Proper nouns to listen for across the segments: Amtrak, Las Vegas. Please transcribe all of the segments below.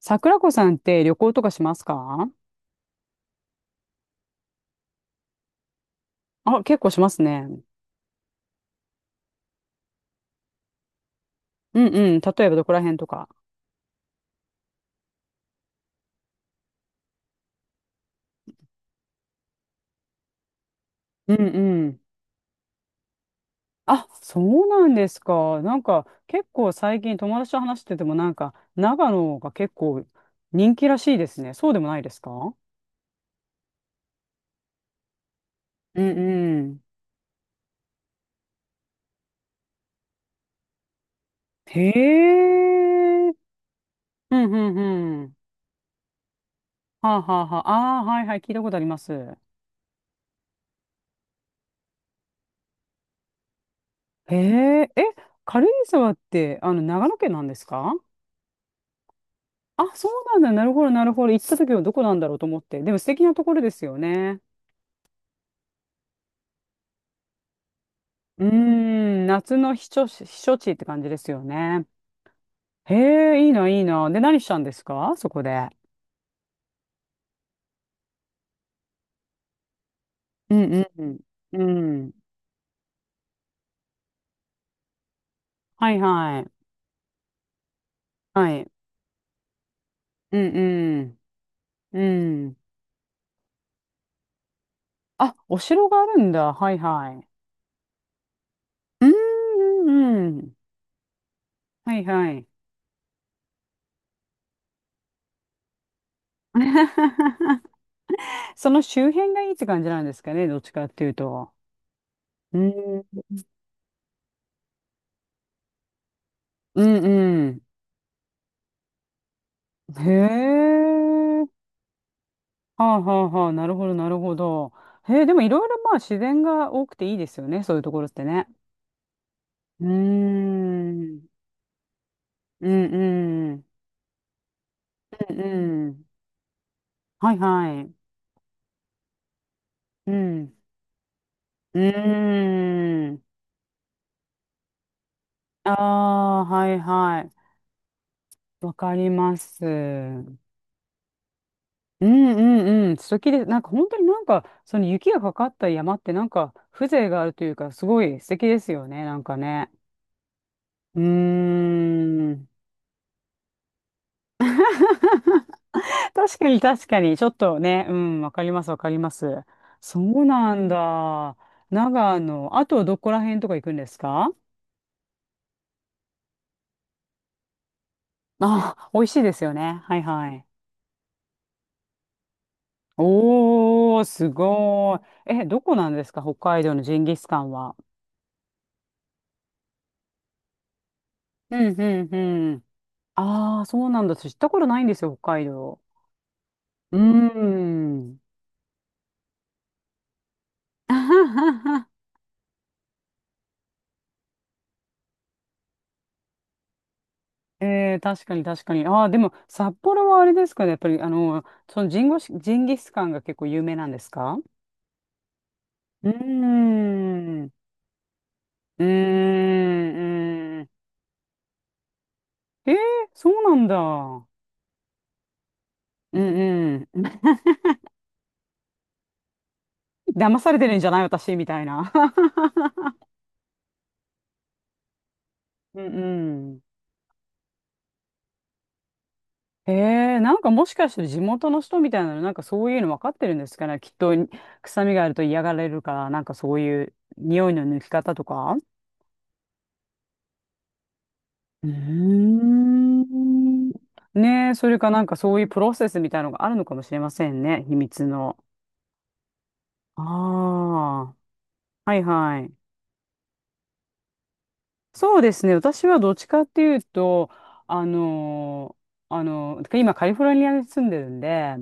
桜子さんって旅行とかしますか？あ、結構しますね。うんうん。例えばどこら辺とか。うんうん。あ、そうなんですか。なんか結構最近友達と話しててもなんか長野が結構人気らしいですね。そうでもないですか？うんうん。へえ。うんうんうん。はあはあはあ。ああ、はいはい。聞いたことあります。へえ。え、軽井沢って長野県なんですか？あ、そうなんだ。なるほど、なるほど。行った時はどこなんだろうと思って。でも素敵なところですよね。うーん、夏の避暑地、避暑地って感じですよね。へえ、いいな、いいな。で、何したんですかそこで。うんうんうん。うん。はいはい。はい。うんうん。うん。あ、お城があるんだ。はいはい。うんうんうん。はいはい。その周辺がいいって感じなんですかね。どっちかっていうと。うん。うんうん。へえ。はあはあはあ、なるほど、なるほど。へえ、でもいろいろまあ自然が多くていいですよね、そういうところってね。うーん、うんうん、うんうん。はいはい。うん、うーん。ああ、はいはい。わかります。うんうんうん。素敵です。なんか本当になんか、その雪がかかった山ってなんか風情があるというか、すごい素敵ですよね、なんかね。うーん。確かに確かに、ちょっとね、うん、わかりますわかります。そうなんだ。長野、あとどこら辺とか行くんですか？あ、美味しいですよね。はいはい。おー、すごい。え、どこなんですか北海道のジンギスカンは。うんうんうん。ああ、そうなんだ。私知ったことないんですよ、北海道。うーん。えー、確かに確かに。ああ、でも札幌はあれですかね。やっぱり、そのジンギスカンが結構有名なんですか？うーん。うーん。うーん、えー、そうなんだ。うんうん。騙されてるんじゃない私みたいな。うんうん。へえ、なんかもしかして地元の人みたいなの、なんかそういうの分かってるんですかね。きっと臭みがあると嫌がられるから、なんかそういう匂いの抜き方とか。うーん。ねえ、それかなんかそういうプロセスみたいなのがあるのかもしれませんね。秘密の。ああ。はいはい。そうですね。私はどっちかっていうと、あの今カリフォルニアに住んでるんで、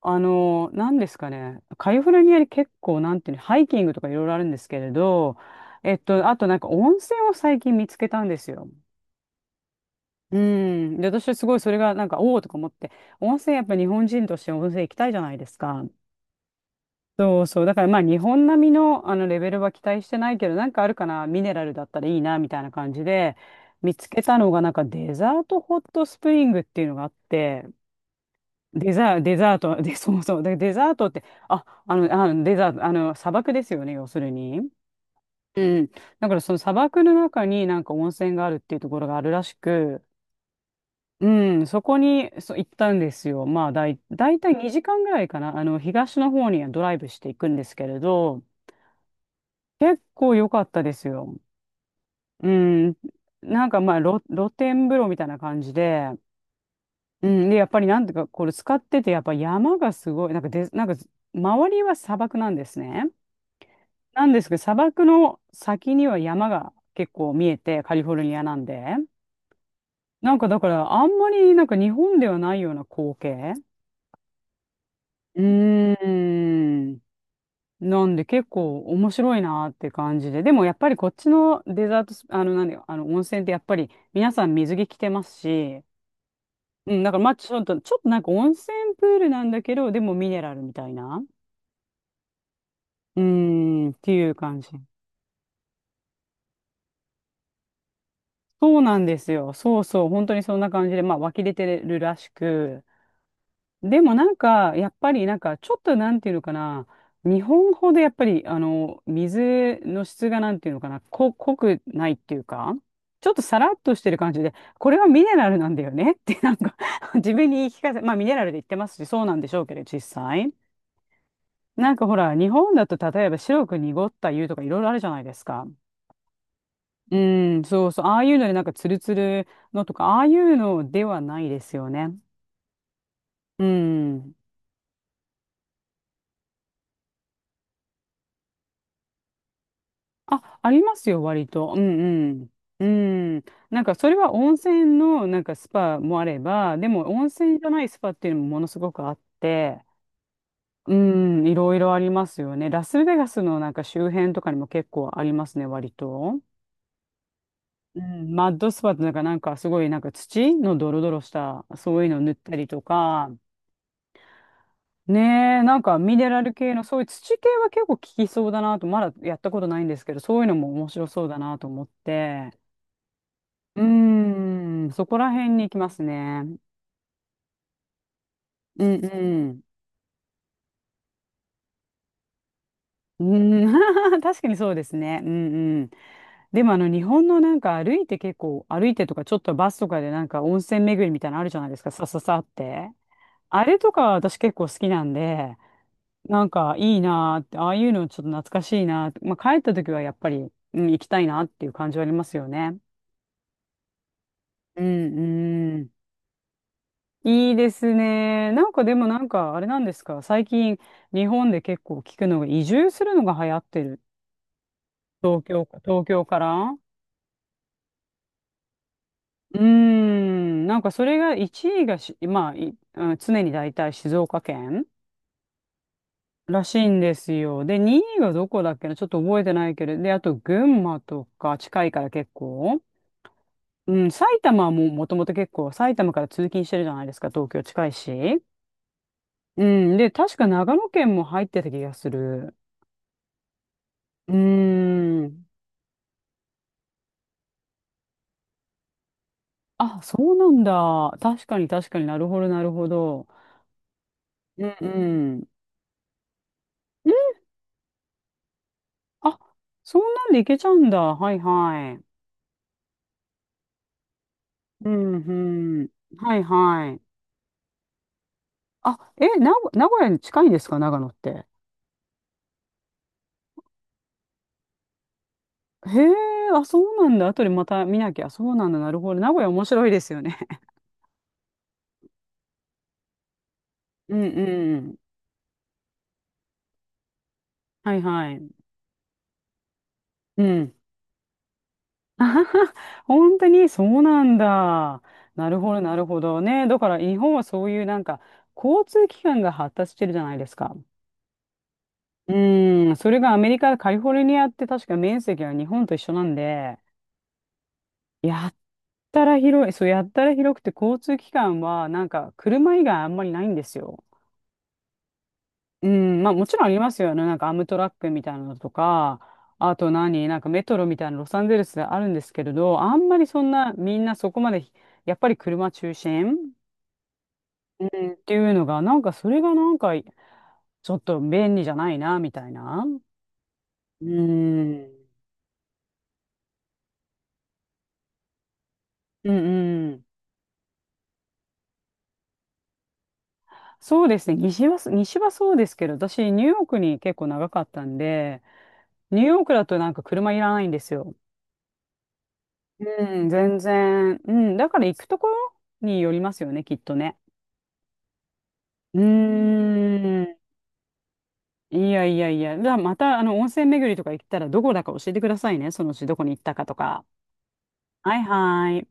なんですかね、カリフォルニアに結構、なんていうの、ハイキングとかいろいろあるんですけれど、えっと、あとなんか温泉を最近見つけたんですよ。うん。で、私はすごいそれがなんか、おおとか思って、温泉やっぱ日本人として温泉行きたいじゃないですか。そうそう。だからまあ日本並みの、あのレベルは期待してないけど、なんかあるかな、ミネラルだったらいいな、みたいな感じで、見つけたのがなんかデザートホットスプリングっていうのがあって、デザート、で、そうそう。で、デザートって、デザート、砂漠ですよね、要するに。うん。だからその砂漠の中になんか温泉があるっていうところがあるらしく、うん、そこにそう行ったんですよ。まあ、だいたい2時間ぐらいかな。東の方にはドライブしていくんですけれど、結構良かったですよ。うん。なんかまあ、露天風呂みたいな感じで、うん。で、やっぱりなんていうか、これ使ってて、やっぱ山がすごい、なんかで、なんか、周りは砂漠なんですね。なんですけど、砂漠の先には山が結構見えて、カリフォルニアなんで。なんかだから、あんまりなんか日本ではないような光景。うーん。なんで結構面白いなーって感じで。でもやっぱりこっちのデザートス、あの、なんだよ、あの、温泉ってやっぱり皆さん水着着てますし、うん、だからまあちょっと、ちょっとなんか温泉プールなんだけど、でもミネラルみたいな。うーん、っていう感じ。そうなんですよ。そうそう、本当にそんな感じで、まあ湧き出てるらしく。でもなんか、やっぱりなんか、ちょっとなんていうのかな、日本ほどやっぱり、水の質がなんていうのかな、濃くないっていうか、ちょっとさらっとしてる感じで、これはミネラルなんだよねって、なんか 自分に言い聞かせ、まあミネラルで言ってますし、そうなんでしょうけど、実際。なんかほら、日本だと例えば白く濁った湯とかいろいろあるじゃないですか。うん、そうそう、ああいうのでなんかツルツルのとか、ああいうのではないですよね。うん。あ、ありますよ、割と。うんうん。うん。なんか、それは温泉の、なんか、スパもあれば、でも、温泉じゃないスパっていうのもものすごくあって、うん、いろいろありますよね。ラスベガスのなんか周辺とかにも結構ありますね、割と。うん、マッドスパってなんか、なんかすごいなんか土のドロドロした、そういうの塗ったりとか、ねえ、なんかミネラル系の、そういう土系は結構効きそうだなと、まだやったことないんですけど、そういうのも面白そうだなと思って。うーん、そこら辺に行きますね。うんうん。うん、確かにそうですね。うんうん。でもあの日本のなんか歩いて結構歩いてとかちょっとバスとかでなんか温泉巡りみたいなのあるじゃないですか、さささって。あれとか私結構好きなんで、なんかいいなーって、ああいうのちょっと懐かしいなーって、まあ、帰った時はやっぱり、うん、行きたいなっていう感じはありますよね。うんうん。いいですね。なんかでもなんかあれなんですか。最近日本で結構聞くのが移住するのが流行ってる。東京か、東京から。うーん。なんかそれが1位がまあ、いうん常に大体静岡県らしいんですよ。で、2位がどこだっけな。ちょっと覚えてないけど。で、あと群馬とか近いから結構。うん。埼玉はもうもともと結構埼玉から通勤してるじゃないですか。東京近いし。うん。で、確か長野県も入ってた気がする。うーん。あ、そうなんだ。確かに確かになるほど、なるほど。うんうん。うん、あ、そんなんでいけちゃうんだ。はいはい。うんうん。はいはい。あ、え、名古屋に近いんですか、長野って。へえ、あ、そうなんだ。後でまた見なきゃ。そうなんだ。なるほど。名古屋面白いですよね。うんうん。はいはい。うん。本当にそうなんだ。なるほど、なるほどね。だから日本はそういうなんか交通機関が発達してるじゃないですか。うーん、それがアメリカ、カリフォルニアって確か面積は日本と一緒なんで、やったら広い、そうやったら広くて交通機関はなんか車以外あんまりないんですよ。うん、まあもちろんありますよね。なんかアムトラックみたいなのとか、あと何、なんかメトロみたいなロサンゼルスであるんですけれど、あんまりそんなみんなそこまでやっぱり車中心、うん、っていうのが、なんかそれがなんか、ちょっと便利じゃないな、みたいな。うん。うんうん。そうですね。西は、西はそうですけど、私、ニューヨークに結構長かったんで、ニューヨークだとなんか車いらないんですよ。うん、全然。うん、だから行くところによりますよね、きっとね。うーん。いやいやいや。じゃあ、また、あの、温泉巡りとか行ったら、どこだか教えてくださいね。そのうちどこに行ったかとか。はいはい。